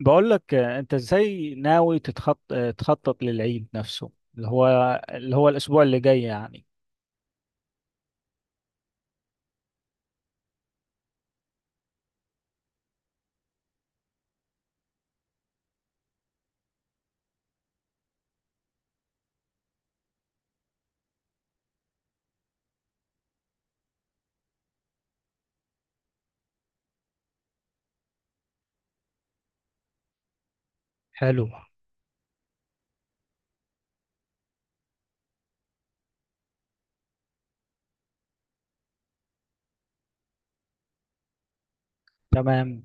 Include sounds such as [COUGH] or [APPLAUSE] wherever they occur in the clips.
بقول لك، انت ازاي ناوي تتخط... آه، تخطط للعيد نفسه، اللي هو اللي هو الاسبوع اللي جاي يعني. حلو. تمام.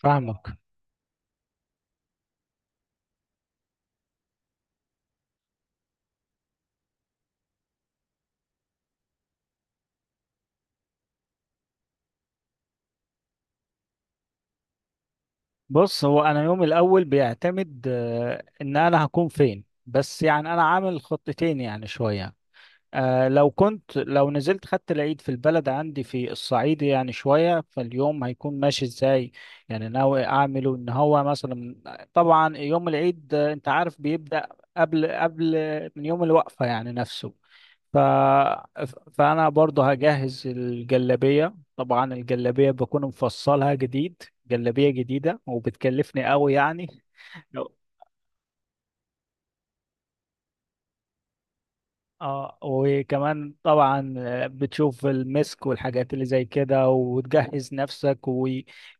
فاهمك. بص، هو انا يومي الاول بيعتمد ان انا هكون فين، بس يعني انا عامل خطتين، يعني شوية. لو نزلت خدت العيد في البلد عندي في الصعيد، يعني شوية فاليوم هيكون ماشي ازاي. يعني ناوي اعمله ان هو مثلا، طبعا يوم العيد انت عارف بيبدأ قبل من يوم الوقفة يعني نفسه. ف... فانا برضو هجهز الجلابية، طبعا الجلابية بكون مفصلها جديد، جلابية جديدة وبتكلفني قوي يعني. [LAUGHS] اه وكمان طبعا بتشوف المسك والحاجات اللي زي كده، وتجهز نفسك. و...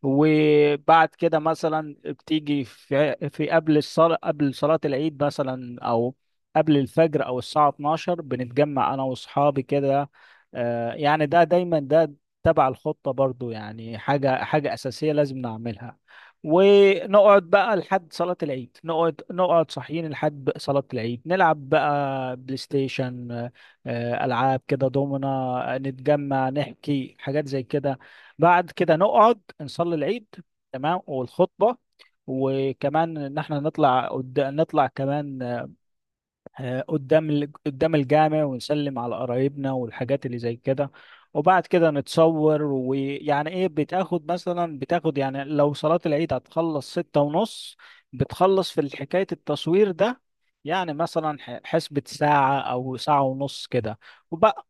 وبعد كده مثلا بتيجي في قبل الصلاة، قبل صلاة العيد مثلا، او قبل الفجر او الساعة 12 بنتجمع انا واصحابي كده. يعني ده دايما ده تبع الخطة برضو، يعني حاجة أساسية لازم نعملها، ونقعد بقى لحد صلاة العيد، نقعد صاحيين لحد صلاة العيد، نلعب بقى بلاي ستيشن، ألعاب كده دومنا، نتجمع نحكي حاجات زي كده. بعد كده نقعد نصلي العيد، تمام، والخطبة. وكمان ان احنا نطلع كمان قدام قدام الجامع ونسلم على قرايبنا والحاجات اللي زي كده. وبعد كده نتصور، ويعني ايه، بتاخد يعني لو صلاة العيد هتخلص 6:30، بتخلص في حكاية التصوير ده، يعني مثلا حسبة ساعة أو ساعة ونص كده. وبقى.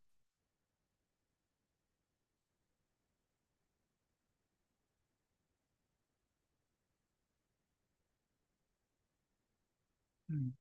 مم.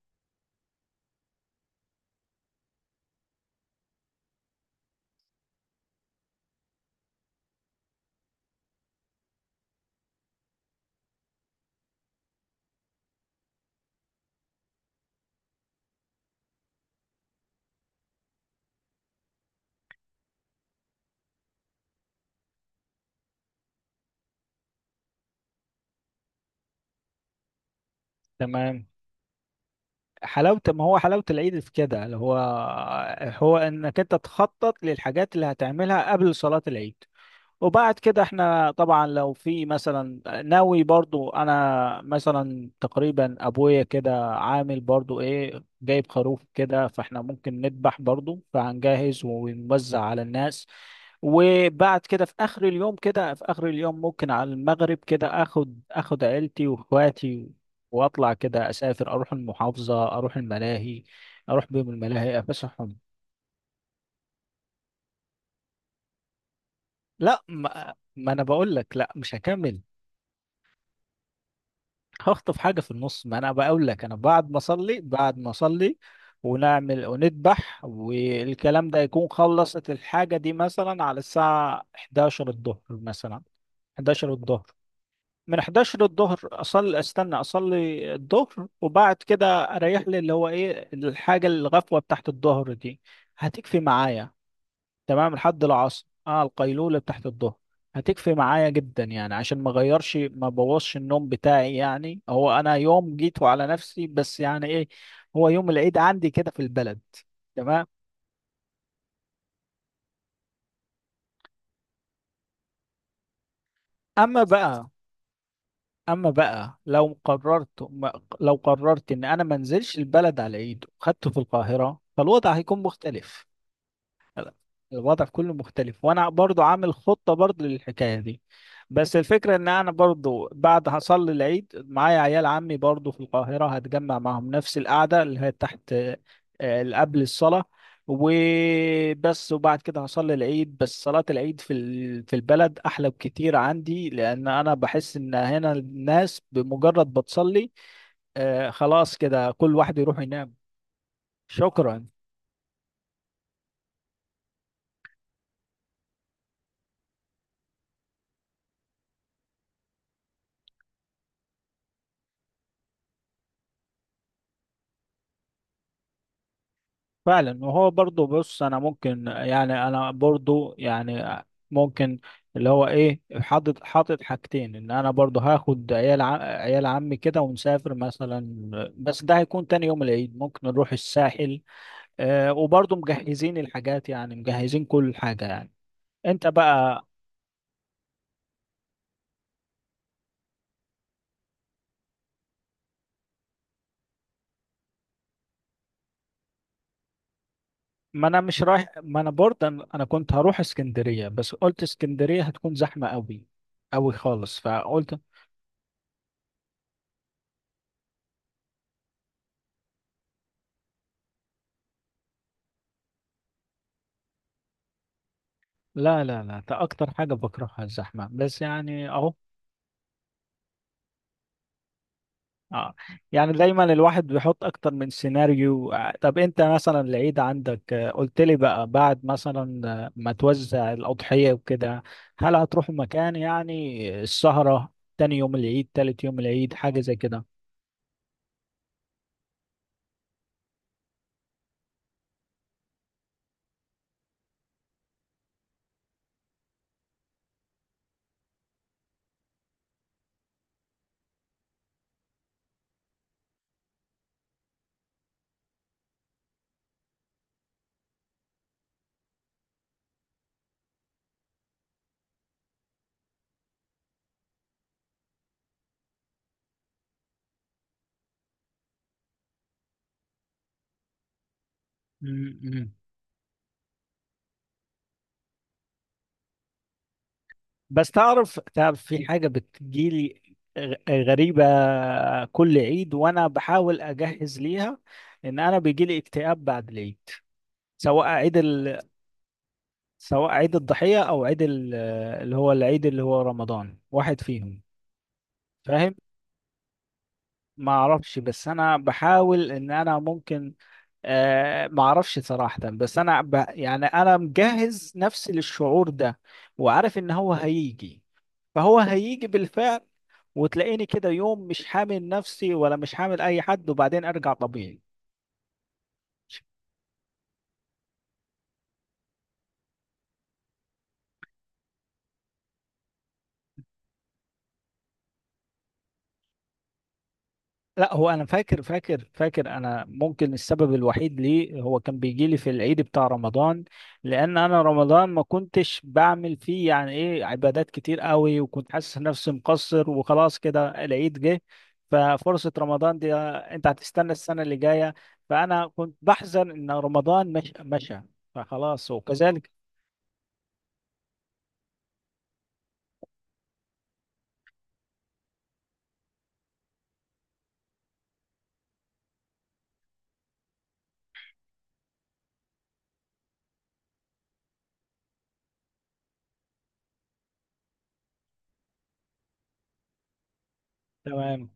تمام. حلاوة، ما هو حلاوة العيد في كده، اللي هو هو إنك أنت تخطط للحاجات اللي هتعملها قبل صلاة العيد. وبعد كده احنا طبعا لو في مثلا، ناوي برضو انا مثلا، تقريبا ابويا كده عامل برضو ايه، جايب خروف كده، فاحنا ممكن نذبح برضو، فهنجهز ونوزع على الناس. وبعد كده في اخر اليوم كده، في اخر اليوم ممكن على المغرب كده اخد عيلتي واخواتي، واطلع كده، اسافر، اروح المحافظة، اروح بيهم الملاهي افسحهم. لا، ما انا بقول لك، لا مش هكمل. هخطف حاجة في النص، ما انا بقول لك، انا بعد ما اصلي، ونعمل ونذبح والكلام ده، يكون خلصت الحاجة دي مثلا على الساعة 11 الظهر، مثلا 11 الظهر، من 11 الظهر استنى اصلي الظهر، وبعد كده اريح لي اللي هو ايه الحاجة، الغفوة بتاعت الظهر دي هتكفي معايا، تمام لحد العصر. اه القيلولة بتاعت الظهر هتكفي معايا جدا، يعني عشان ما بوظش النوم بتاعي، يعني هو انا يوم جيته على نفسي، بس يعني ايه، هو يوم العيد عندي كده في البلد. تمام. اما بقى اما بقى لو قررت ان انا ما انزلش البلد على العيد وخدته في القاهرة، فالوضع هيكون مختلف، الوضع كله مختلف، وانا برضو عامل خطة برضو للحكاية دي. بس الفكرة ان انا برضو بعد هصلي العيد معايا عيال عمي برضو في القاهرة، هتجمع معاهم نفس القعدة اللي هي تحت قبل الصلاة وبس. وبعد كده هصلي العيد، بس صلاة العيد في في البلد احلى بكتير عندي، لان انا بحس ان هنا الناس بمجرد بتصلي خلاص كده كل واحد يروح ينام. شكرا. فعلا. وهو برضو بص، انا برضو يعني ممكن، اللي هو ايه، حاطط حاجتين، ان انا برضو هاخد عيال عمي كده ونسافر مثلا، بس ده هيكون تاني يوم العيد، ممكن نروح الساحل. وبرضو مجهزين الحاجات، يعني مجهزين كل حاجة يعني، انت بقى. ما انا مش رايح، ما انا برضه انا كنت هروح اسكندرية، بس قلت اسكندرية هتكون زحمة قوي، قوي خالص، فقلت. لا لا لا، ده اكتر حاجة بكرهها الزحمة، بس يعني اهو. اه. يعني دايما الواحد بيحط اكتر من سيناريو، طب انت مثلا العيد عندك، قلت لي بقى بعد مثلا ما توزع الاضحية وكده، هل هتروح مكان، يعني السهرة تاني يوم العيد، تالت يوم العيد، حاجة زي كده؟ م. بس تعرف في حاجة بتجيلي غريبة، كل عيد وانا بحاول اجهز ليها، ان انا بيجيلي اكتئاب بعد العيد، سواء عيد ال... سواء عيد الضحية اللي هو العيد اللي هو رمضان، واحد فيهم. فاهم. ما أعرفش، بس أنا بحاول إن أنا ممكن، ما أعرفش صراحة، بس أنا يعني أنا مجهز نفسي للشعور ده، وعارف إن هو هيجي، فهو هيجي بالفعل، وتلاقيني كده يوم مش حامل نفسي ولا مش حامل أي حد، وبعدين أرجع طبيعي. لا، هو انا فاكر انا ممكن السبب الوحيد ليه هو كان بيجي لي في العيد بتاع رمضان، لان انا رمضان ما كنتش بعمل فيه يعني ايه عبادات كتير قوي، وكنت حاسس نفسي مقصر، وخلاص كده العيد جه. ففرصة رمضان دي انت هتستنى السنة اللي جاية، فانا كنت بحزن ان رمضان مش مشى، فخلاص وكذلك. تمام.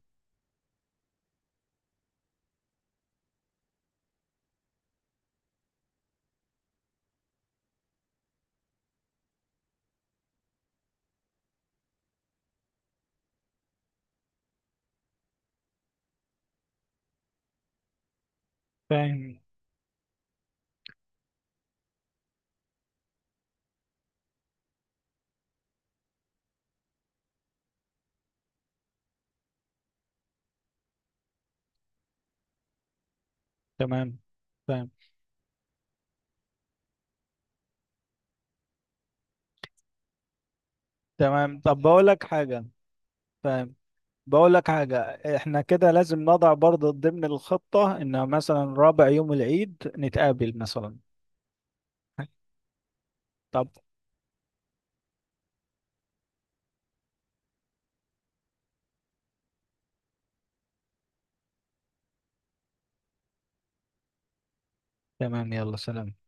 فاهم. تمام. فاهم. تمام. طب بقول لك حاجة. فاهم. بقول لك حاجة، احنا كده لازم نضع برضه ضمن الخطة، ان مثلا رابع يوم العيد نتقابل مثلا. طب. تمام. يلا سلام.